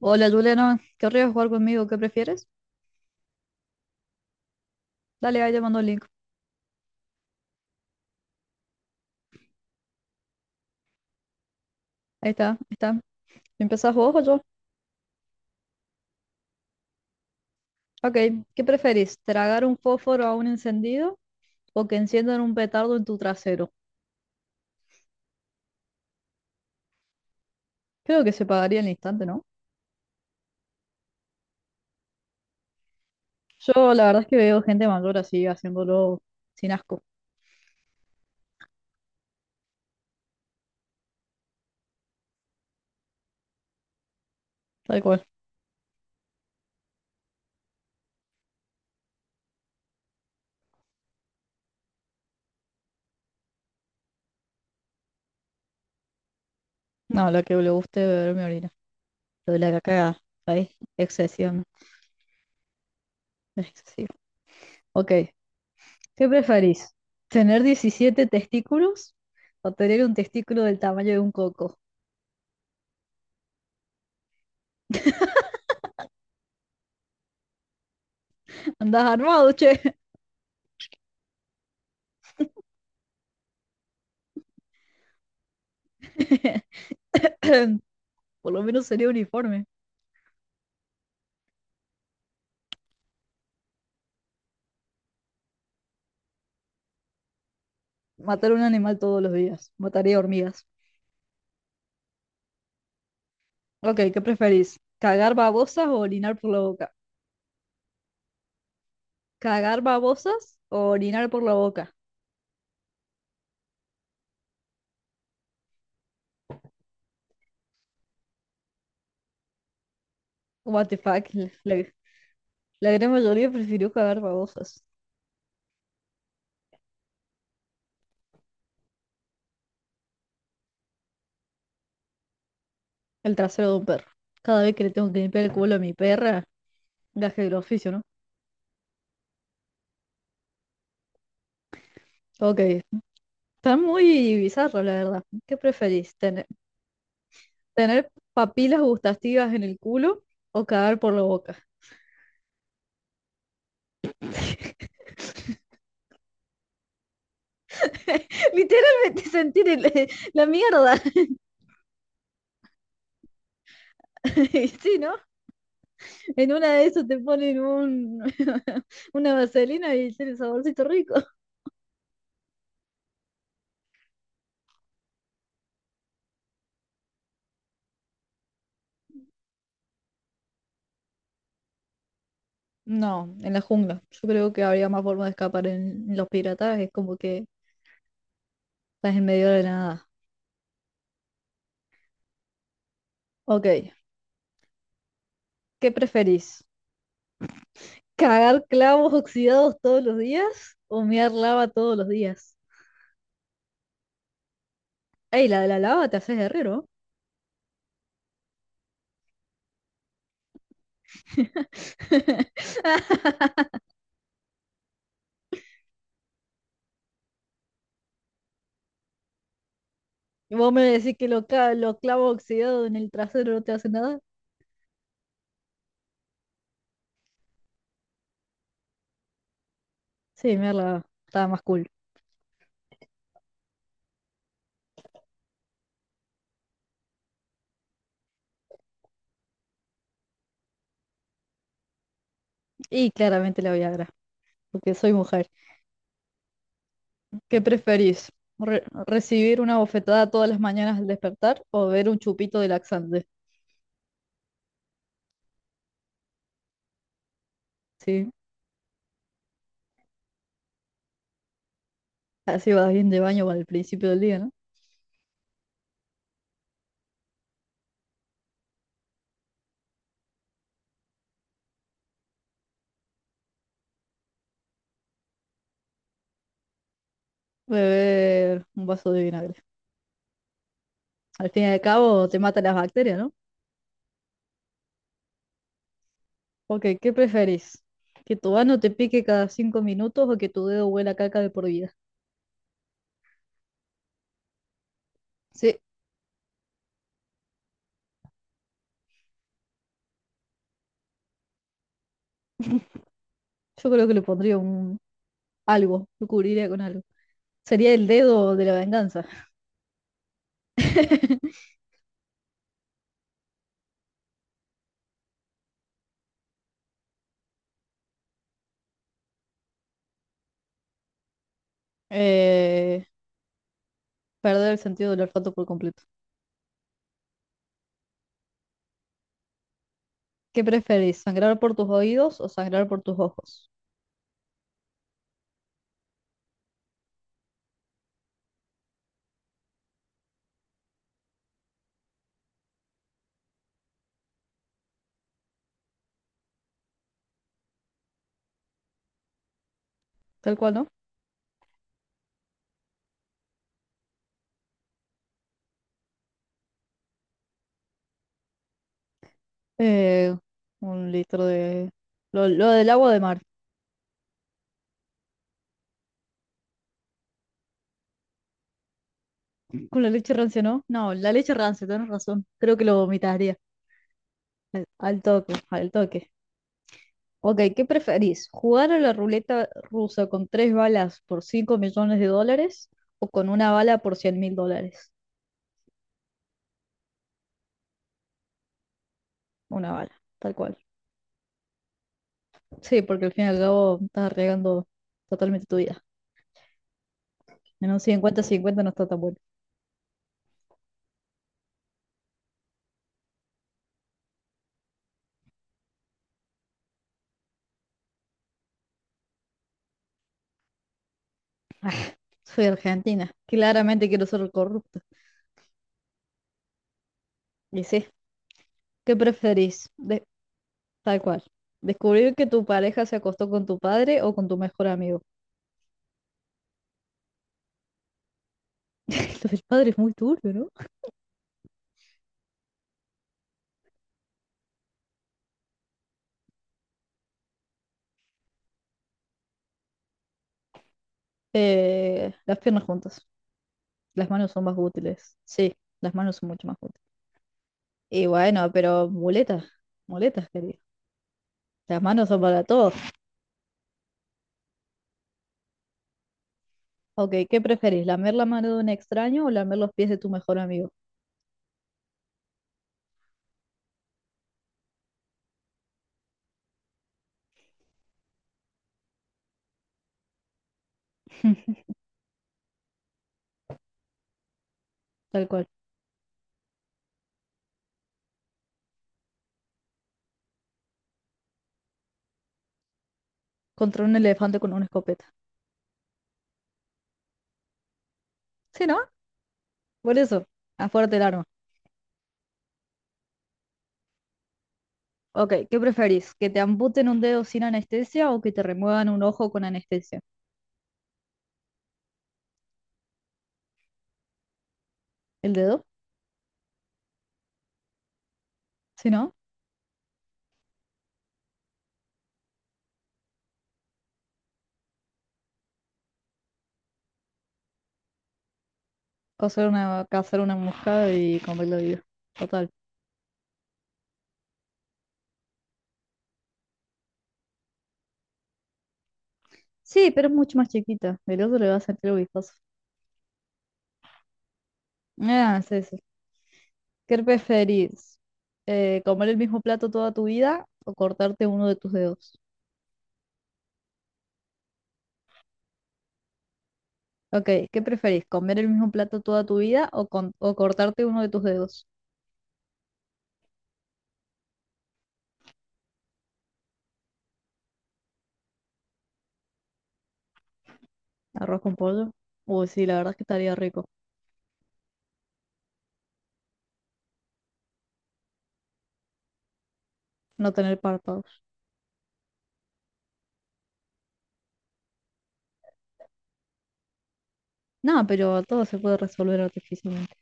Hola Juliana, ¿querrías jugar conmigo? ¿Qué prefieres? Dale, ahí te mando el link. Ahí está, ahí está. ¿Empezás vos o yo? Ok, ¿qué preferís? ¿Tragar un fósforo a un encendido o que enciendan un petardo en tu trasero? Creo que se pagaría en el instante, ¿no? Yo la verdad es que veo gente mayor así haciéndolo sin asco, tal cual. No, la que le guste beber mi orina. Lo de la caca, ahí, excesión, es excesivo. Ok, ¿qué preferís? ¿Tener 17 testículos o tener un testículo del tamaño de un coco? Andás armado, che. Por lo menos sería uniforme. Matar un animal todos los días. Mataría hormigas. Ok, ¿qué preferís? ¿Cagar babosas o orinar por la boca? ¿Cagar babosas o orinar por la boca? What the fuck. La gran mayoría prefirió cagar babosas. El trasero de un perro. Cada vez que le tengo que limpiar el culo a mi perra, gaje del oficio, ¿no? Ok, está muy bizarro, la verdad. ¿Qué preferís? ¿ tener papilas gustativas en el culo o cagar por la boca? Literalmente sentir la mierda. Y sí, ¿no? En una de esas te ponen un, una vaselina y tiene saborcito rico. No, en la jungla. Yo creo que habría más forma de escapar en los piratajes, como que estás en medio de la nada. Ok, ¿qué preferís? ¿Cagar clavos oxidados todos los días o mear lava todos los días? Ey, la de la lava te haces guerrero. ¿Vos me decís que los clavos oxidados en el trasero no te hacen nada? Sí, mear lava. Está más cool. Y claramente la Viagra, porque soy mujer. ¿Qué preferís? ¿Recibir una bofetada todas las mañanas al despertar o beber un chupito de laxante? Sí, así vas bien de baño al principio del día, ¿no? Beber un vaso de vinagre. Al fin y al cabo te mata las bacterias, ¿no? Ok, ¿qué preferís? ¿Que tu ano te pique cada cinco minutos o que tu dedo huela a caca de por vida? Sí, yo creo que le pondría un algo, lo cubriría con algo. Sería el dedo de la venganza. Eh, Perder el sentido del olfato por completo. ¿Qué preferís? ¿Sangrar por tus oídos o sangrar por tus ojos? Tal cual, ¿no? Eh, un litro de... lo del agua de mar. ¿Con la leche rancia, no? No, la leche rancia, tenés razón. Creo que lo vomitaría. Al al toque, al toque. Ok, ¿qué preferís? ¿Jugar a la ruleta rusa con tres balas por 5 millones de dólares o con una bala por 100 mil dólares? Una bala, tal cual. Sí, porque al fin y al cabo estás arriesgando totalmente tu vida. En un cincuenta 50 no está tan bueno. Soy argentina. Claramente quiero ser el corrupto. Y sí, ¿qué preferís? Tal cual. Descubrir que tu pareja se acostó con tu padre o con tu mejor amigo. Lo del padre es muy turbio, ¿no? Las piernas juntas. Las manos son más útiles. Sí, las manos son mucho más útiles. Y bueno, pero muletas. Muletas, querido. Las manos son para todo. Ok, ¿qué preferís? ¿Lamer la mano de un extraño o lamer los pies de tu mejor amigo? Tal cual. Contra un elefante con una escopeta. Sí, ¿no? Por eso, a fuerte el arma. Ok, ¿qué preferís? ¿Que te amputen un dedo sin anestesia o que te remuevan un ojo con anestesia? ¿El dedo? Si no, cazar una mosca y comerla viva. Total. Sí, pero es mucho más chiquita. El otro le va a sentir vistoso. Ah, sí, sí. ¿Qué preferís? ¿Comer el mismo plato toda tu vida o cortarte uno de tus dedos? Ok, ¿qué preferís? ¿Comer el mismo plato toda tu vida o, con- o cortarte uno de tus dedos? ¿Arroz con pollo? Uy, sí, la verdad es que estaría rico no tener párpados. No, pero todo se puede resolver artificialmente.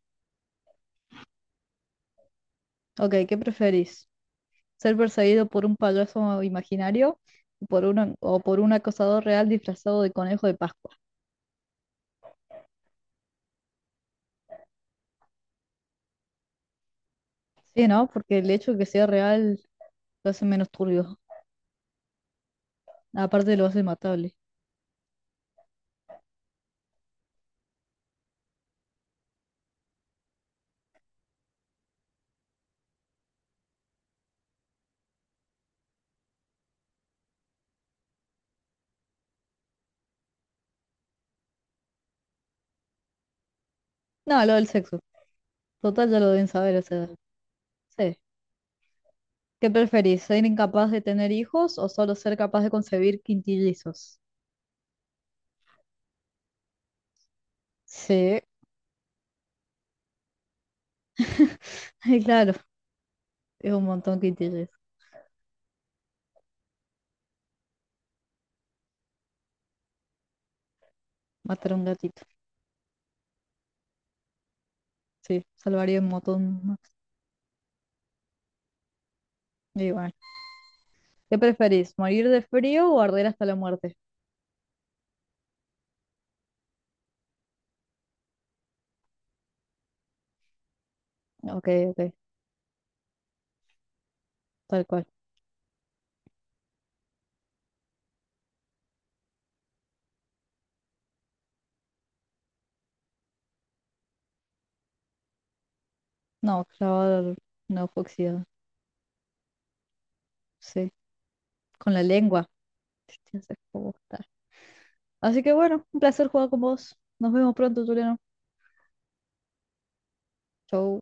Ok, ¿qué preferís? ¿Ser perseguido por un payaso imaginario o por un acosador real disfrazado de conejo de Pascua? Sí, ¿no? Porque el hecho de que sea real lo hace menos turbio. Aparte lo hace matable. No, lo del sexo. Total, ya lo deben saber, o sea. Sí. ¿Qué preferís? ¿Ser incapaz de tener hijos o solo ser capaz de concebir quintillizos? Sí. Claro, es un montón quintillizos. Matar a un gatito. Sí, salvaría un montón más. Y bueno. ¿Qué preferís? ¿Morir de frío o arder hasta la muerte? Ok, ok, tal cual. No, clavar oxidado, sí, con la lengua. Hostia, se fue bosta. Así que bueno, un placer jugar con vos. Nos vemos pronto, Juliano. Chau.